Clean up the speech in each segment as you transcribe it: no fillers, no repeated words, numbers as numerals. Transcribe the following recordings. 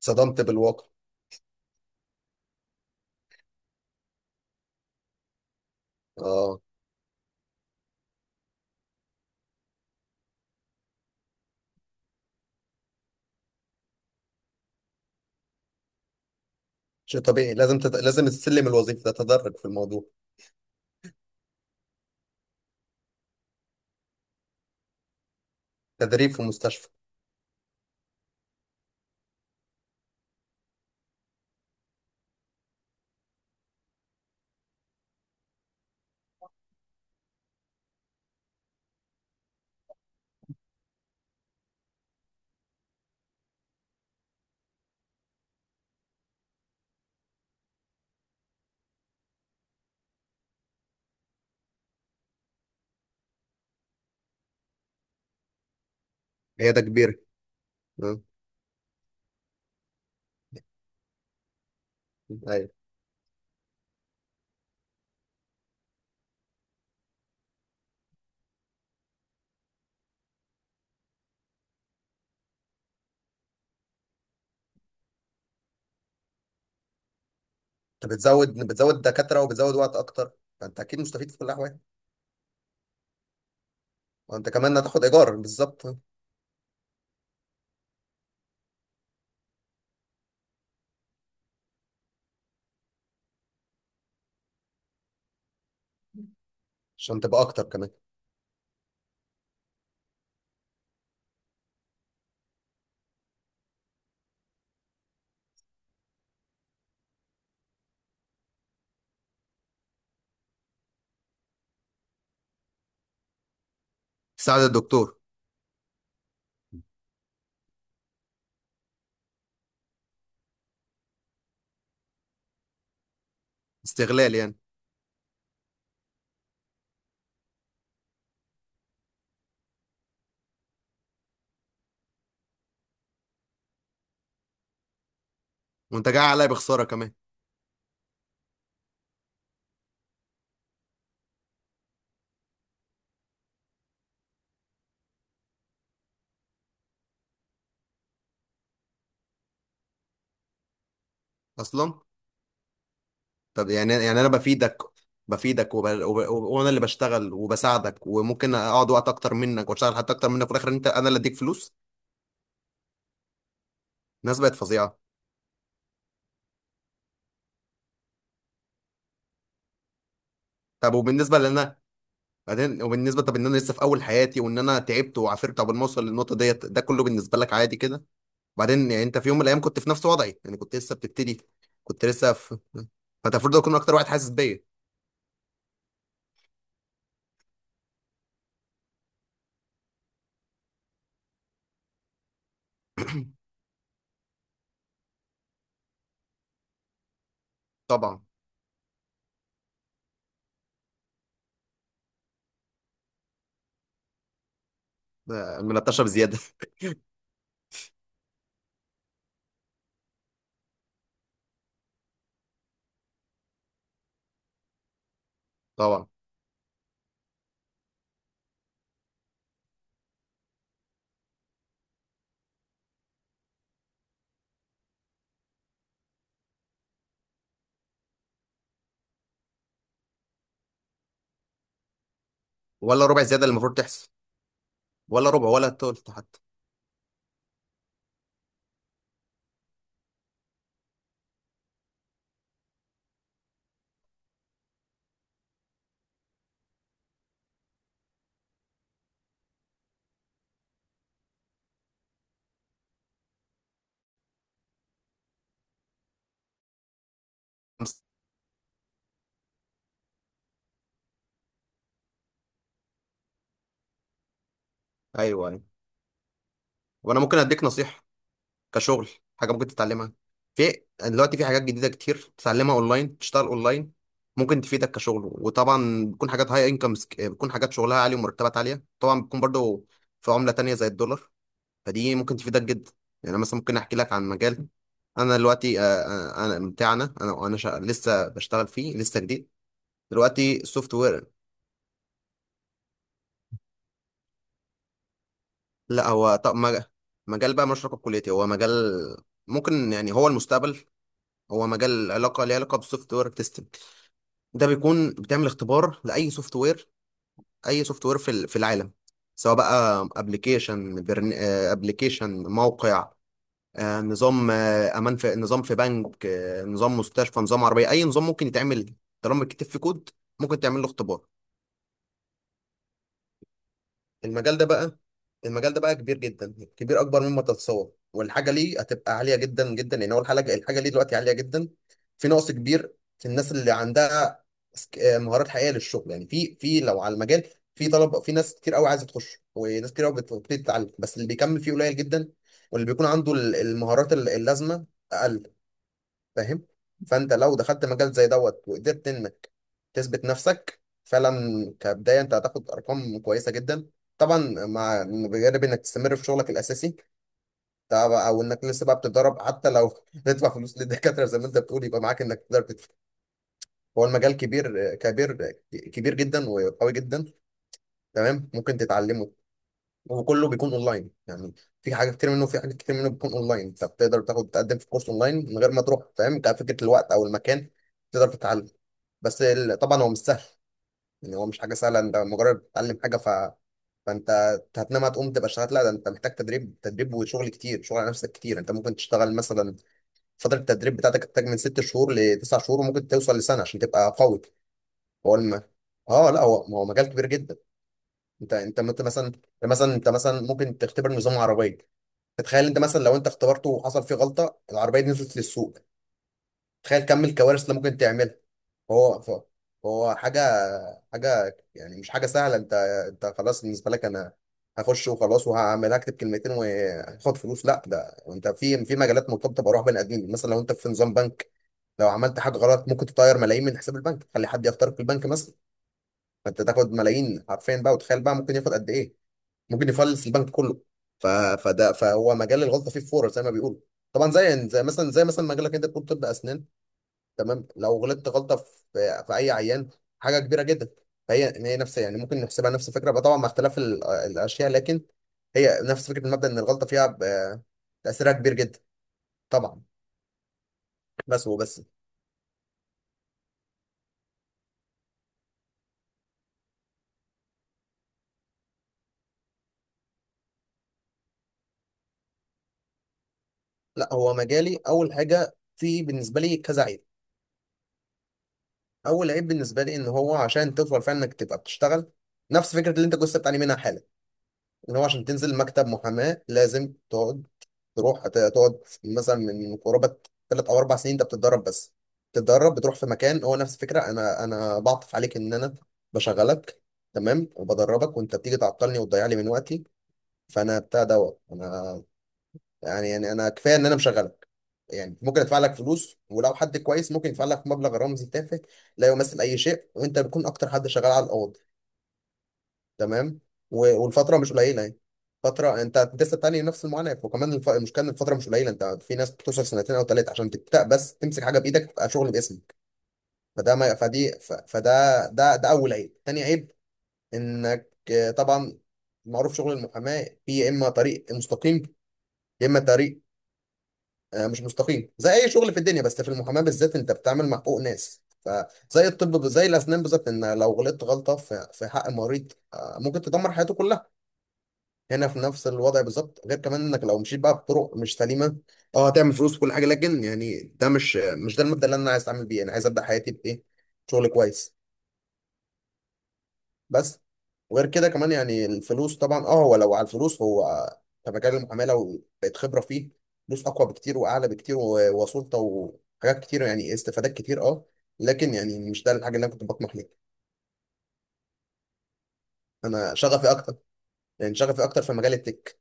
صدمت بالواقع. اه، شيء طبيعي، لازم لازم السلم الوظيفي ده تدرج في الموضوع. تدريب في مستشفى. عياده كبيره. آه، ايوه. انت بتزود، بتزود دكاتره وبتزود وقت اكتر. فانت اكيد مستفيد في كل الاحوال. وانت كمان هتاخد ايجار بالظبط. عشان تبقى اكتر كمان. تساعد الدكتور. استغلال يعني. وانت جاي عليا بخساره كمان. اصلا. طب يعني، يعني انا بفيدك، بفيدك وانا اللي بشتغل وبساعدك وممكن اقعد وقت اكتر منك واشتغل حتى اكتر منك، وفي الاخر انت انا اللي اديك فلوس. الناس بقت فظيعه. طب وبالنسبه لنا بعدين، وبالنسبه طب ان انا لسه في اول حياتي، وان انا تعبت وعافرت قبل ما اوصل للنقطه ديت، ده كله بالنسبه لك عادي كده؟ بعدين يعني انت في يوم من الايام كنت في نفس وضعي، يعني كنت لسه بتبتدي، كنت لسه في، فانت المفروض تكون اكتر واحد حاسس بيا. طبعا. ملطشه بزياده. طبعا. ولا ربع زياده اللي المفروض تحصل. ولا ربع ولا تلت حتى. ايوه ايوه. وانا ممكن اديك نصيحه. كشغل. حاجه ممكن تتعلمها. في دلوقتي في حاجات جديده كتير تتعلمها اونلاين، تشتغل اونلاين، ممكن تفيدك كشغل، وطبعا بتكون حاجات هاي انكمز، بتكون حاجات شغلها عالي ومرتبات عاليه، طبعا بتكون برضو في عمله تانية زي الدولار. فدي ممكن تفيدك جدا. يعني أنا مثلا ممكن احكي لك عن مجال انا دلوقتي انا بتاعنا انا انا شا... لسه بشتغل فيه، لسه جديد. دلوقتي سوفت وير. لا هو طب مجال بقى مش علاقه بكليتي، هو مجال ممكن، يعني هو المستقبل، هو مجال علاقه، ليه علاقه بالسوفت وير تيستنج. ده بيكون بتعمل اختبار لاي سوفت وير، اي سوفت وير في في العالم، سواء بقى ابلكيشن، ابلكيشن، موقع، نظام، امان، في نظام في بنك، نظام مستشفى، نظام عربيه، اي نظام ممكن يتعمل، طالما بيتكتب فيه كود ممكن تعمل له اختبار. المجال ده بقى، المجال ده بقى كبير جدا، كبير اكبر مما تتصور، والحاجه ليه هتبقى عاليه جدا جدا، لان هو الحاجه، الحاجه ليه دلوقتي عاليه جدا. في نقص كبير في الناس اللي عندها مهارات حقيقيه للشغل. يعني في لو على المجال، في طلب، في ناس كتير قوي عايزه تخش، وناس كتير قوي بتبتدي تتعلم، بس اللي بيكمل فيه قليل جدا، واللي بيكون عنده المهارات اللازمه اقل. فاهم. فانت لو دخلت مجال زي دوت وقدرت انك تثبت نفسك فعلا كبدايه، انت هتاخد ارقام كويسه جدا. طبعا مع، بجانب انك تستمر في شغلك الاساسي طبعا، او انك لسه بقى بتتدرب حتى، لو تدفع فلوس للدكاتره زي ما انت بتقول، يبقى معاك انك تقدر تدفع. هو المجال كبير كبير كبير جدا وقوي جدا. تمام، ممكن تتعلمه وكله بيكون اونلاين. يعني في حاجه كتير منه، في حاجات كتير منه بيكون اونلاين، انت بتقدر تاخد، تقدم في كورس اونلاين من غير ما تروح، فاهم؟ كفكره الوقت او المكان تقدر تتعلم. بس طبعا هو مش سهل، يعني هو مش حاجه سهله انت مجرد بتتعلم حاجه ف، فانت هتنام هتقوم تبقى اشتغلت، لا، ده انت محتاج تدريب، تدريب وشغل كتير، شغل على نفسك كتير. انت ممكن تشتغل مثلا، فتره التدريب بتاعتك تحتاج من ست شهور لتسع شهور، وممكن توصل لسنه عشان تبقى قوي. هو الم... اه لا هو، هو مجال كبير جدا. مثلا، مثلا انت مثلا ممكن تختبر نظام عربيه. تتخيل انت مثلا لو انت اختبرته وحصل فيه غلطه، العربيه دي نزلت للسوق، تخيل كم الكوارث اللي ممكن تعملها. هو ف- هو حاجة، حاجة يعني مش حاجة سهلة. انت، انت خلاص بالنسبة لك انا هخش وخلاص وهعمل، اكتب كلمتين وهاخد فلوس، لا، ده انت في، في مجالات مرتبطة بارواح بني ادمين. مثلا لو انت في نظام بنك، لو عملت حاجة غلط ممكن تطير ملايين من حساب البنك، تخلي حد يخترق البنك مثلا. فانت تاخد ملايين حرفيا بقى، وتخيل بقى ممكن ياخد قد ايه، ممكن يفلس البنك كله. فده، فهو مجال الغلطة فيه فورة زي ما بيقولوا. طبعا زي، زي مثلا، زي مثلا مجالك انت بتقول طب اسنان، تمام، لو غلطت غلطه في، في اي عيان، حاجه كبيره جدا. فهي إن هي نفس، يعني ممكن نحسبها نفس الفكره بقى، طبعا مع اختلاف الاشياء، لكن هي نفس فكره، المبدا ان الغلطه فيها تاثيرها كبير جدا. طبعا. بس وبس. لا، هو مجالي اول حاجه في بالنسبه لي كذا عيب. اول عيب بالنسبه لي ان هو عشان تفضل فعلا انك تبقى بتشتغل، نفس فكره اللي انت كنت بتعاني منها حالا، ان هو عشان تنزل مكتب محاماه لازم تقعد تروح، هتقعد مثلا من قرابة ثلاث أو أربع سنين أنت بتتدرب بس. تتدرب، بتروح في مكان هو نفس الفكرة، أنا بعطف عليك إن أنا بشغلك تمام وبدربك، وأنت بتيجي تعطلني وتضيع لي من وقتي. فأنا بتاع دوت أنا، يعني يعني أنا كفاية إن أنا مشغلك. يعني ممكن أدفع لك فلوس، ولو حد كويس ممكن يدفع لك مبلغ رمزي تافه لا يمثل أي شيء، وأنت بتكون أكتر حد شغال على الأوض. تمام. والفتره مش قليله يعني، فتره انت لسه بتعاني من نفس المعاناه، وكمان المشكله ان الفتره مش قليله، انت في ناس بتوصل سنتين او ثلاثه عشان تبدا بس، تمسك حاجه بايدك تبقى شغل باسمك. فده ما فدي ف... فده ده ده اول عيب. تاني عيب انك طبعا، معروف شغل المحاماه، في يا اما طريق مستقيم، يا اما طريق مش مستقيم، زي اي شغل في الدنيا، بس في المحاماه بالذات انت بتعمل مع حقوق ناس، فزي الطب زي الاسنان بالظبط، ان لو غلطت غلطه في، في حق المريض ممكن تدمر حياته كلها. هنا في نفس الوضع بالظبط، غير كمان انك لو مشيت بقى بطرق مش سليمه، اه هتعمل فلوس وكل حاجه، لكن يعني ده مش، مش ده المبدأ اللي انا عايز اتعامل بيه. انا عايز ابدا حياتي بايه، شغل كويس. بس. وغير كده كمان يعني الفلوس، طبعا اه، هو لو على الفلوس هو كمجال المعامله وبقت خبره فيه فلوس اقوى بكتير واعلى بكتير، وسلطه وحاجات كتير يعني استفادات كتير اه، لكن يعني مش ده الحاجه اللي انا كنت بطمح ليها. انا شغفي اكتر، يعني شغفي اكتر في مجال التك.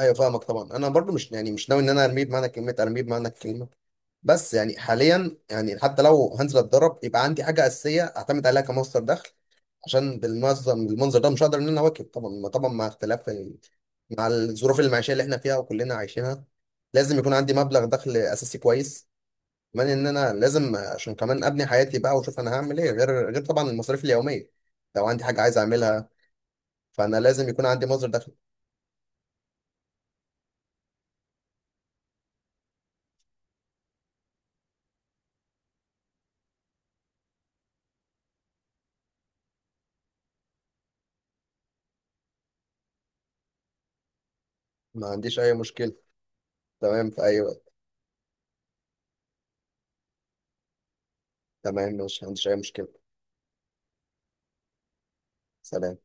ايوه فاهمك، طبعا انا برضو مش يعني، مش ناوي ان انا ارميه بمعنى كلمه ارميه بمعنى الكلمه، بس يعني حاليا، يعني حتى لو هنزل اتدرب يبقى عندي حاجه اساسيه اعتمد عليها كمصدر دخل، عشان بالمنظم، المنظر ده مش هقدر ان انا اواكب. طبعا طبعا مع اختلاف مع الظروف المعيشيه اللي احنا فيها وكلنا عايشينها، لازم يكون عندي مبلغ دخل اساسي كويس. كمان ان انا لازم، عشان كمان ابني حياتي بقى، واشوف انا هعمل ايه غير، غير طبعا المصاريف اليوميه، لو عندي حاجه عايز اعملها، فانا لازم يكون عندي مصدر دخل. ما عنديش اي مشكله. تمام، في اي وقت. تمام ماشي، ما عنديش أي مشكلة. سلام.